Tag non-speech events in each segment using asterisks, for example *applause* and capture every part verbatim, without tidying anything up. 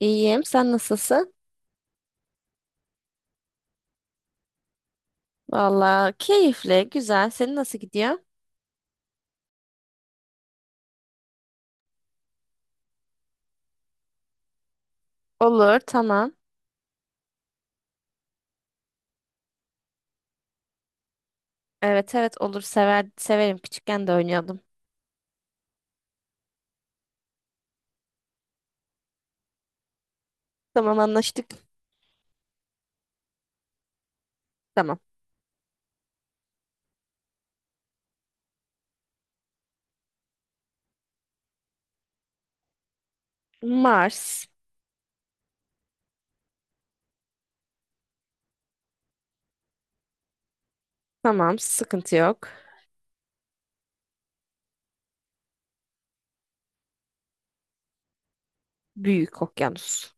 İyiyim. Sen nasılsın? Valla keyifli, güzel. Senin nasıl gidiyor? Olur, tamam. Evet evet olur. Sever, severim. Küçükken de oynuyordum. Tamam, anlaştık. Tamam. Mars. Tamam, sıkıntı yok. Büyük okyanus.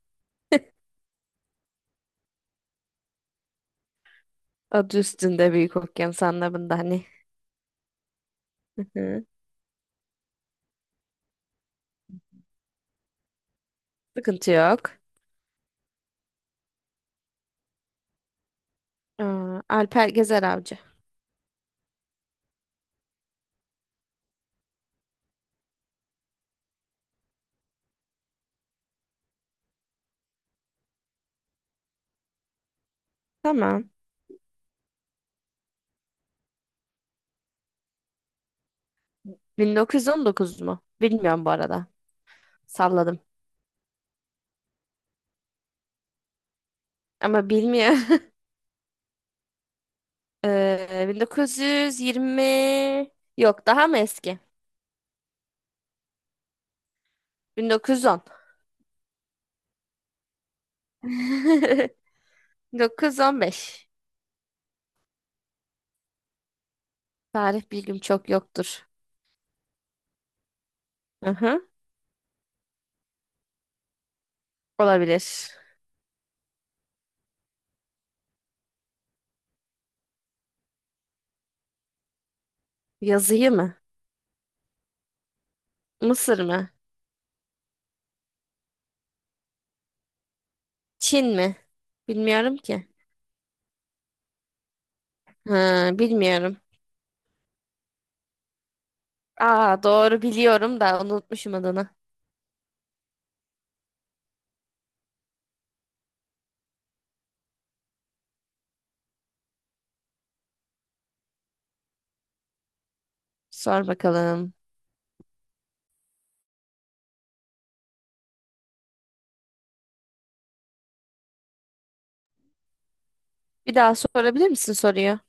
Adı üstünde, büyük okyanus anlamında hani. Hı hı. Sıkıntı yok. Aa, Alper Gezer Avcı. Tamam. bin dokuz yüz on dokuz mu? Bilmiyorum bu arada. Salladım. Ama bilmiyorum. *laughs* Ee, bin dokuz yüz yirmi, yok daha mı eski? bin dokuz yüz on. bin dokuz yüz on beş. *laughs* Tarih bilgim çok yoktur. Hı-hı. Olabilir. Yazıyı mı? Mısır mı? Çin mi? Bilmiyorum ki. Ha, bilmiyorum. Aa, doğru biliyorum da unutmuşum adını. Sor bakalım. Bir daha sorabilir misin soruyu?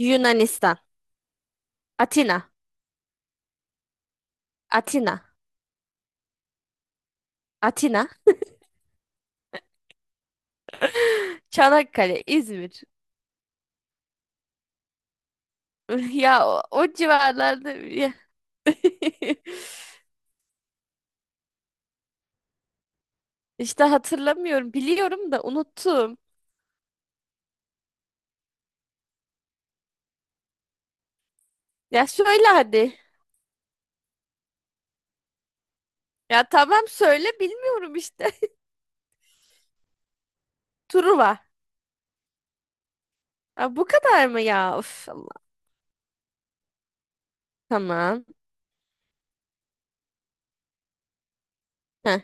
Yunanistan. Atina. Atina. Atina. *gasps* *laughs* Çanakkale. İzmir. *laughs* Ya o, o civarlarda ya. *laughs* İşte hatırlamıyorum. Biliyorum da unuttum. Ya söyle hadi. Ya tamam, söyle, bilmiyorum işte. *laughs* Truva. Ya bu kadar mı ya? Of Allah. Tamam. Heh,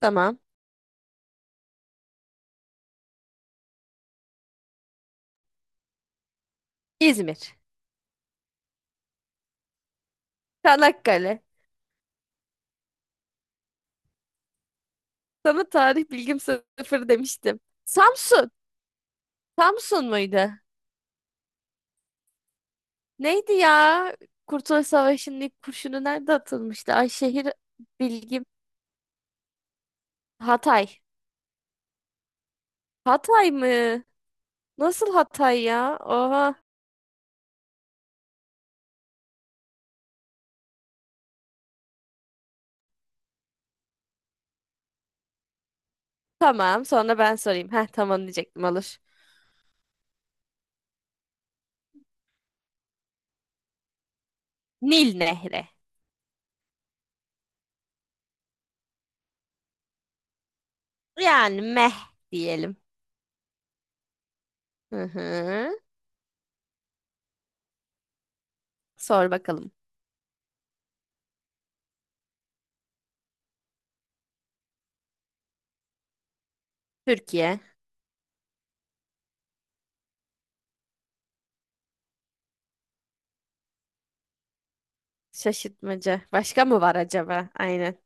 tamam. İzmir. Çanakkale. Sana tarih bilgim sıfır demiştim. Samsun. Samsun muydu? Neydi ya? Kurtuluş Savaşı'nın ilk kurşunu nerede atılmıştı? Ay, şehir bilgim. Hatay. Hatay mı? Nasıl Hatay ya? Oha. Tamam, sonra ben sorayım. Heh, tamam diyecektim, olur. Nil Nehri. Yani meh diyelim. Hı hı. Sor bakalım. Türkiye. Şaşırtmaca. Başka mı var acaba? Aynen.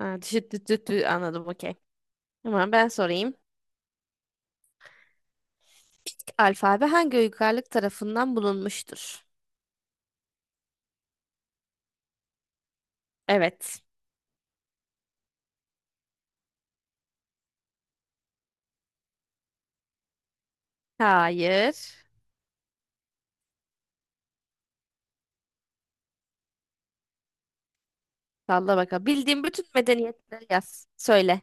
Aa, düşü- dü- dü- dü- anladım, okey. Tamam, ben sorayım. İlk alfabe hangi uygarlık tarafından bulunmuştur? Evet. Hayır. Salla bakalım. Bildiğim bütün medeniyetleri yaz. Söyle.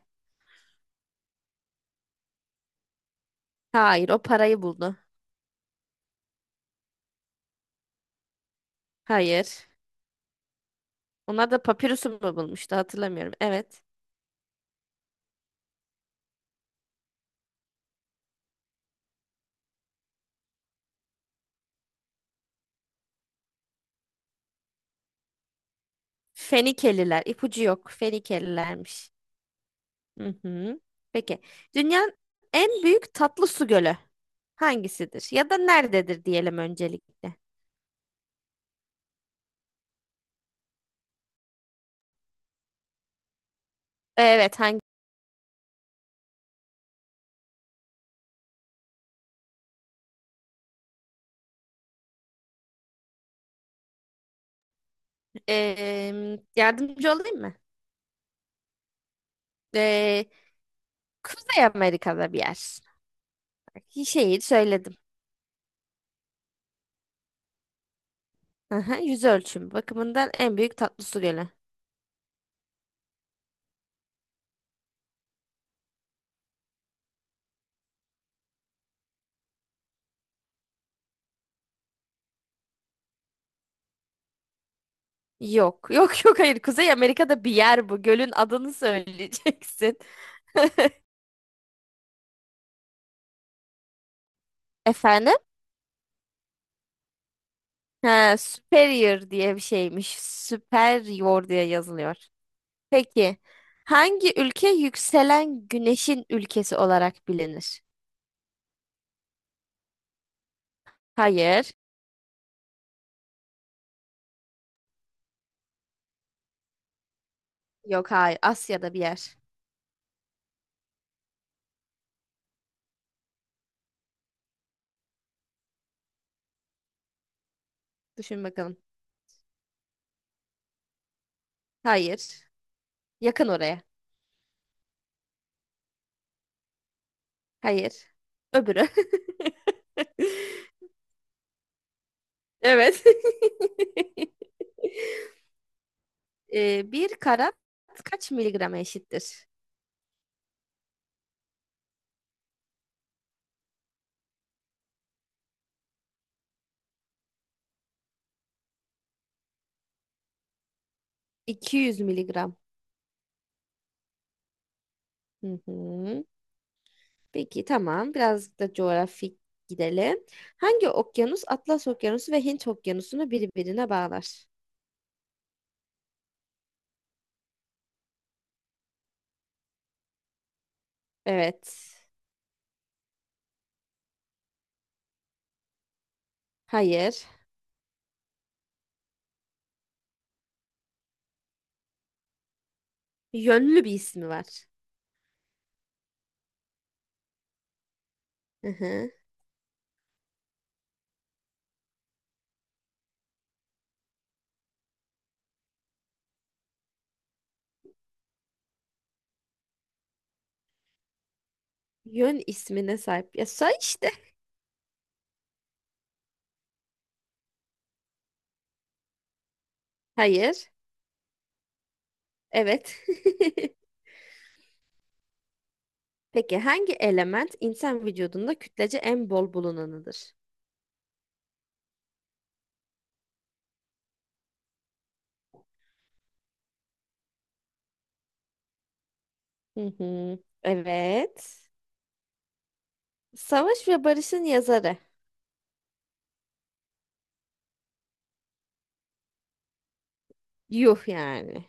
Hayır, o parayı buldu. Hayır. Onlar da papirüsü mü bulmuştu, hatırlamıyorum. Evet. Fenikeliler. İpucu yok. Fenikelilermiş. Hı hı. Peki. Dünyanın en büyük tatlı su gölü hangisidir? Ya da nerededir diyelim öncelikle. Evet, hangi? Eee, yardımcı olayım mı? Eee, Kuzey Amerika'da bir yer. Şehir söyledim. Aha, yüz ölçümü bakımından en büyük tatlı su gölü. Yok, *laughs* yok, yok, hayır. Kuzey Amerika'da bir yer bu. Gölün adını söyleyeceksin. *laughs* Efendim? Ha, superior diye bir şeymiş. Superior diye yazılıyor. Peki, hangi ülke yükselen güneşin ülkesi olarak bilinir? Hayır. Yok, hayır. Asya'da bir yer. Düşün bakalım. Hayır. Yakın oraya. Hayır. Öbürü. *laughs* Evet. *laughs* Ee, bir karat kaç miligrama eşittir? iki yüz miligram. Hı hı. Peki, tamam. Biraz da coğrafik gidelim. Hangi okyanus Atlas Okyanusu ve Hint Okyanusu'nu birbirine bağlar? Evet. Hayır. Yönlü bir ismi var. Hı hı. Yön ismine sahip. Ya say işte. Hayır. Evet. *laughs* Peki, hangi element insan vücudunda kütlece en bol bulunanıdır? Hı hı. Evet. Savaş ve Barış'ın yazarı. Yuh yani.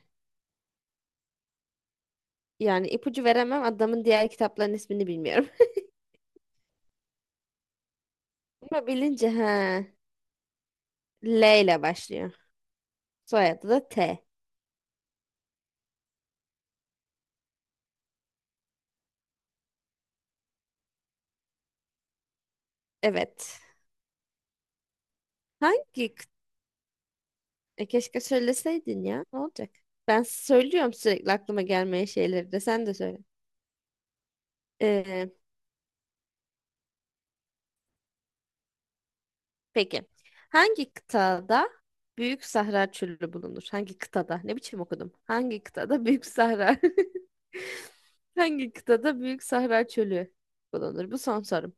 Yani ipucu veremem, adamın diğer kitapların ismini bilmiyorum. Ama bilince ha. L ile başlıyor. Soyadı da T. Evet. Hangi? kı- E, keşke söyleseydin ya. Ne olacak? Ben söylüyorum sürekli aklıma gelmeyen şeyleri, de sen de söyle. Ee, peki. Hangi kıtada Büyük Sahra Çölü bulunur? Hangi kıtada? Ne biçim okudum? Hangi kıtada Büyük Sahra? *laughs* Hangi kıtada Büyük Sahra Çölü bulunur? Bu son sorum.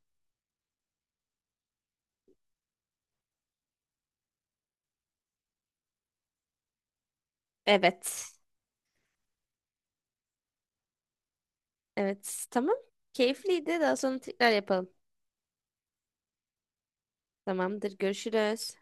Evet. Evet. Tamam. Keyifliydi. Daha sonra tekrar yapalım. Tamamdır. Görüşürüz.